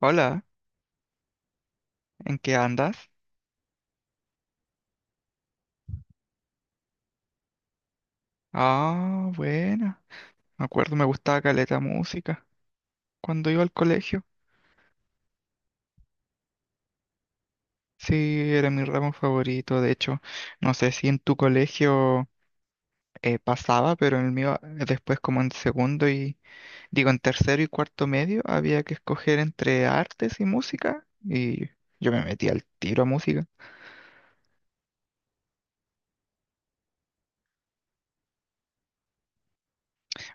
Hola, ¿en qué andas? Ah, buena. Me acuerdo, me gustaba caleta música cuando iba al colegio. Sí, era mi ramo favorito. De hecho, no sé si en tu colegio pasaba, pero en el mío después como en segundo y digo en tercero y cuarto medio había que escoger entre artes y música y yo me metí al tiro a música,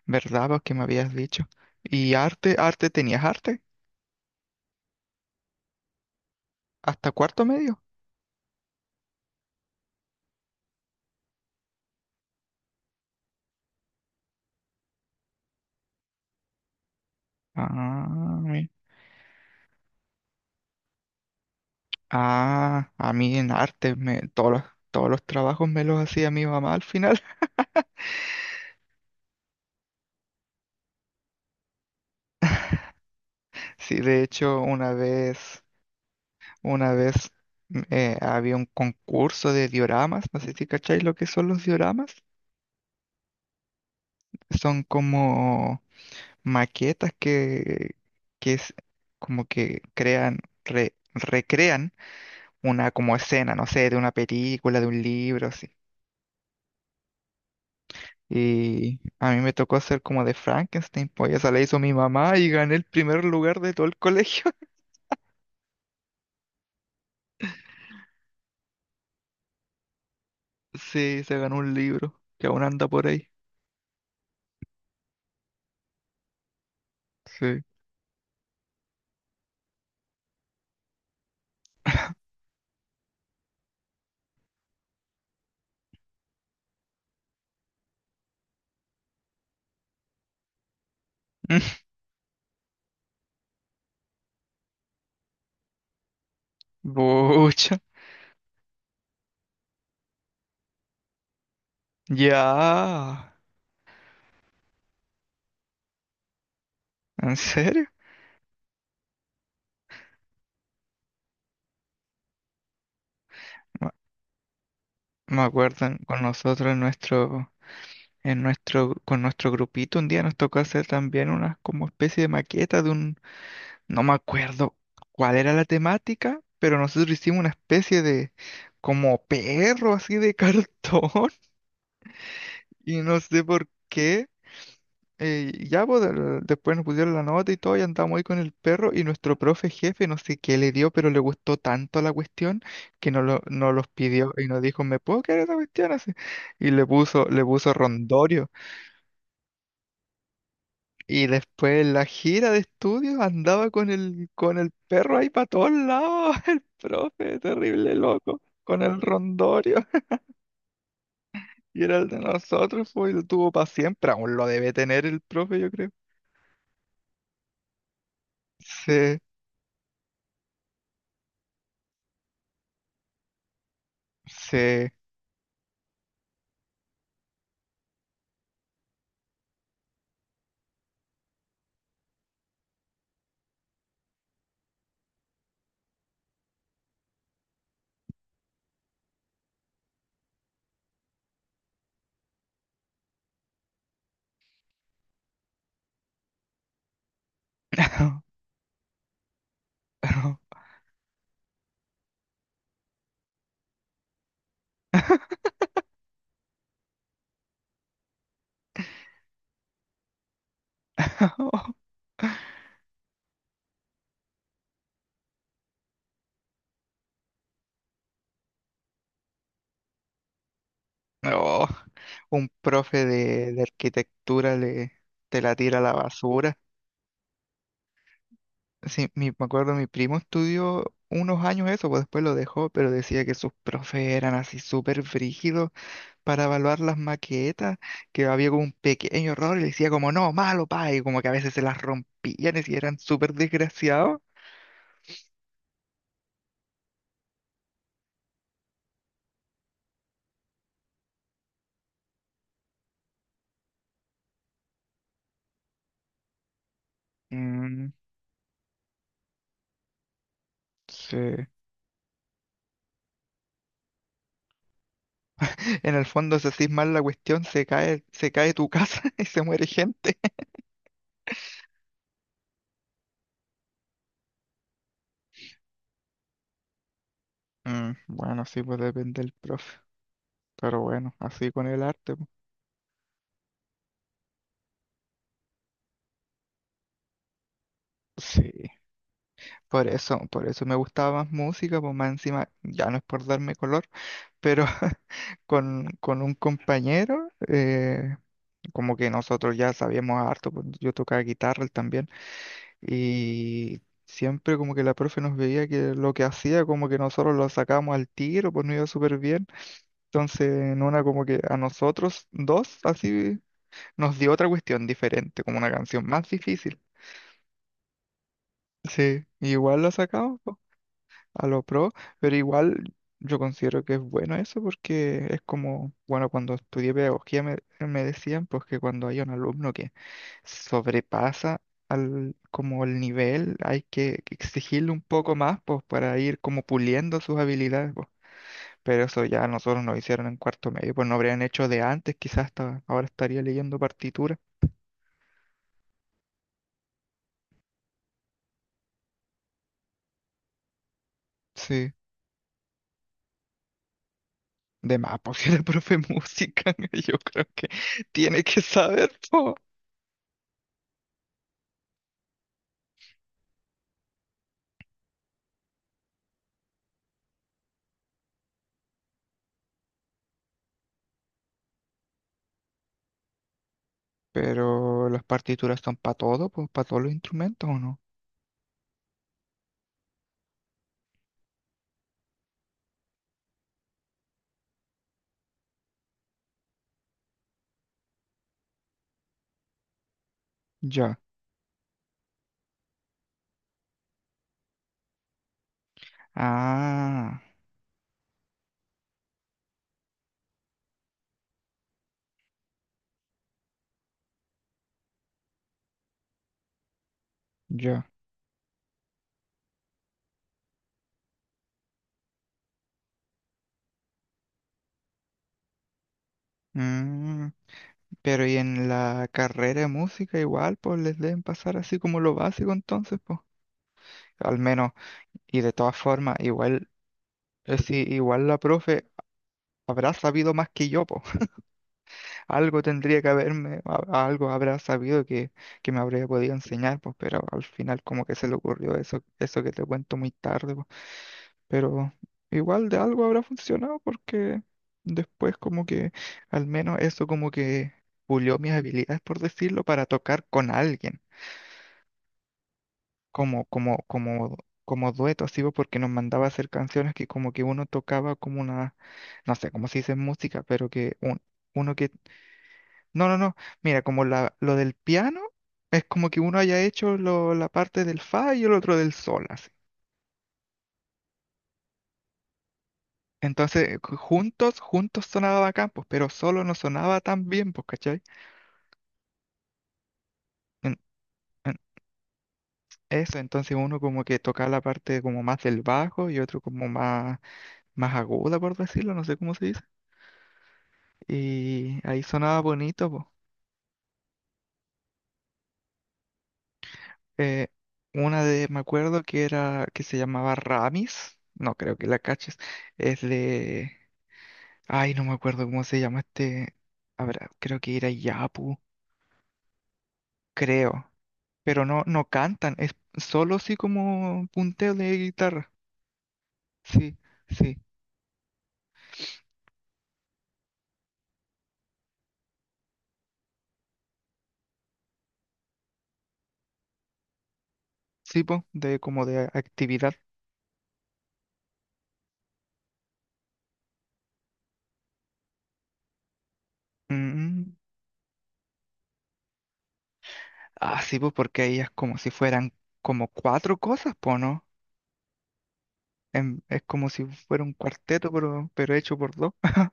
¿verdad? Porque me habías dicho. ¿Y arte tenías arte? ¿Hasta cuarto medio? Ah, ah, a mí en arte, me, todos los trabajos me los hacía mi mamá al final. Sí, de hecho, una vez había un concurso de dioramas, no sé si cacháis lo que son los dioramas. Son como maquetas que es como que crean, recrean una como escena, no sé, de una película, de un libro, así. Y a mí me tocó hacer como de Frankenstein, pues esa la hizo mi mamá y gané el primer lugar de todo el colegio. Sí, se ganó un libro que aún anda por ahí. Sí. Bucha. Ya. ¿En serio? Me me acuerdo con nosotros en nuestro, con nuestro grupito un día nos tocó hacer también una como especie de maqueta de un, no me acuerdo cuál era la temática, pero nosotros hicimos una especie de como perro así de cartón. Y no sé por qué. Ya pues, después nos pusieron la nota y todo, y andamos ahí con el perro. Y nuestro profe jefe, no sé qué le dio, pero le gustó tanto la cuestión que nos, lo, nos los pidió y nos dijo, ¿me puedo quedar esa cuestión así? Y le puso rondorio. Y después en la gira de estudios andaba con el perro ahí para todos lados, el profe, terrible loco, con el rondorio. Y era el de nosotros, pues, y lo tuvo para siempre. Aún lo debe tener el profe, yo creo. Sí. Sí. No, un profe de arquitectura le, te la tira a la basura. Sí, me acuerdo, mi primo estudió unos años eso, pues después lo dejó, pero decía que sus profes eran así súper frígidos para evaluar las maquetas, que había como un pequeño error y le decía como, no, malo, pa, y como que a veces se las rompían y si eran súper desgraciados. Mm, sí. En el fondo, si hacís mal la cuestión, se cae tu casa y se muere gente. Mm, bueno, sí, pues depende del profe. Pero bueno, así con el arte, pues. Sí. Por eso me gustaba más música, pues más encima, ya no es por darme color, pero con un compañero, como que nosotros ya sabíamos harto, pues, yo tocaba guitarra él también, y siempre como que la profe nos veía que lo que hacía, como que nosotros lo sacábamos al tiro, pues no iba súper bien. Entonces, en una como que a nosotros dos, así, nos dio otra cuestión diferente, como una canción más difícil. Sí, igual la sacamos po, a lo pro, pero igual yo considero que es bueno eso porque es como, bueno, cuando estudié pedagogía me, me decían pues que cuando hay un alumno que sobrepasa al, como el nivel, hay que exigirle un poco más pues para ir como puliendo sus habilidades. Pero eso ya nosotros nos hicieron en cuarto medio, pues no habrían hecho de antes, quizás hasta ahora estaría leyendo partitura. Sí, de más, pues si era profe de música, yo creo que tiene que saber, po. Pero las partituras son para todo, pues para todos los instrumentos, ¿o no? Ya. Ah, ya. Mm, pero y en la carrera de música igual, pues les deben pasar así como lo básico entonces, pues. Al menos, y de todas formas, igual, sí, igual la profe habrá sabido más que yo, pues. Algo tendría que haberme, algo habrá sabido que me habría podido enseñar, pues, pero al final como que se le ocurrió eso, eso que te cuento muy tarde, pues. Pero igual de algo habrá funcionado porque después como que al menos eso como que pulió mis habilidades, por decirlo, para tocar con alguien, como, como, como, como dueto, así, pues, porque nos mandaba a hacer canciones que como que uno tocaba como una, no sé cómo se dice en música, pero que uno. No, no, no. Mira, como la, lo del piano es como que uno haya hecho la parte del fa y el otro del sol, así. Entonces, juntos, juntos sonaba bacán, pues, pero solo no sonaba tan bien, pues, ¿cachai? En- en- eso, entonces uno como que tocaba la parte como más del bajo y otro como más, más aguda, por decirlo, no sé cómo se dice. Y ahí sonaba bonito, pues. Eh, una de, me acuerdo que era, que se llamaba Ramis, no creo que la caches, es de ay, no me acuerdo cómo se llama este. Habrá, creo que era Yapu, creo. Pero no, no cantan, es solo así como punteo de guitarra. Sí, sí, sí, po, de como de actividad. Mm. Ah, sí, pues porque ahí es como si fueran como cuatro cosas, po, ¿no? Es como si fuera un cuarteto, pero hecho por dos.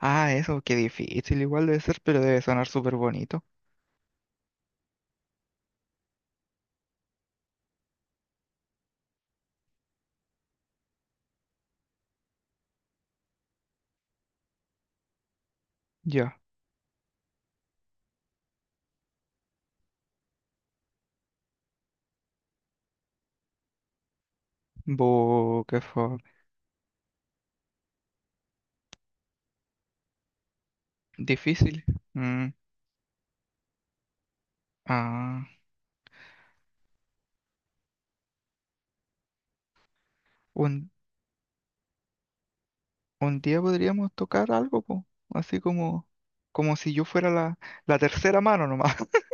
Ah, eso, qué difícil igual debe ser, pero debe sonar súper bonito. Ya. Bu, qué fue. Difícil. Mm. Ah. un Un día podríamos tocar algo, po, así como, como si yo fuera la, la tercera mano nomás.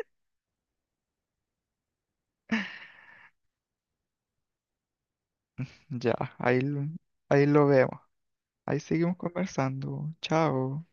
Ya, ahí lo vemos. Ahí seguimos conversando. Chao.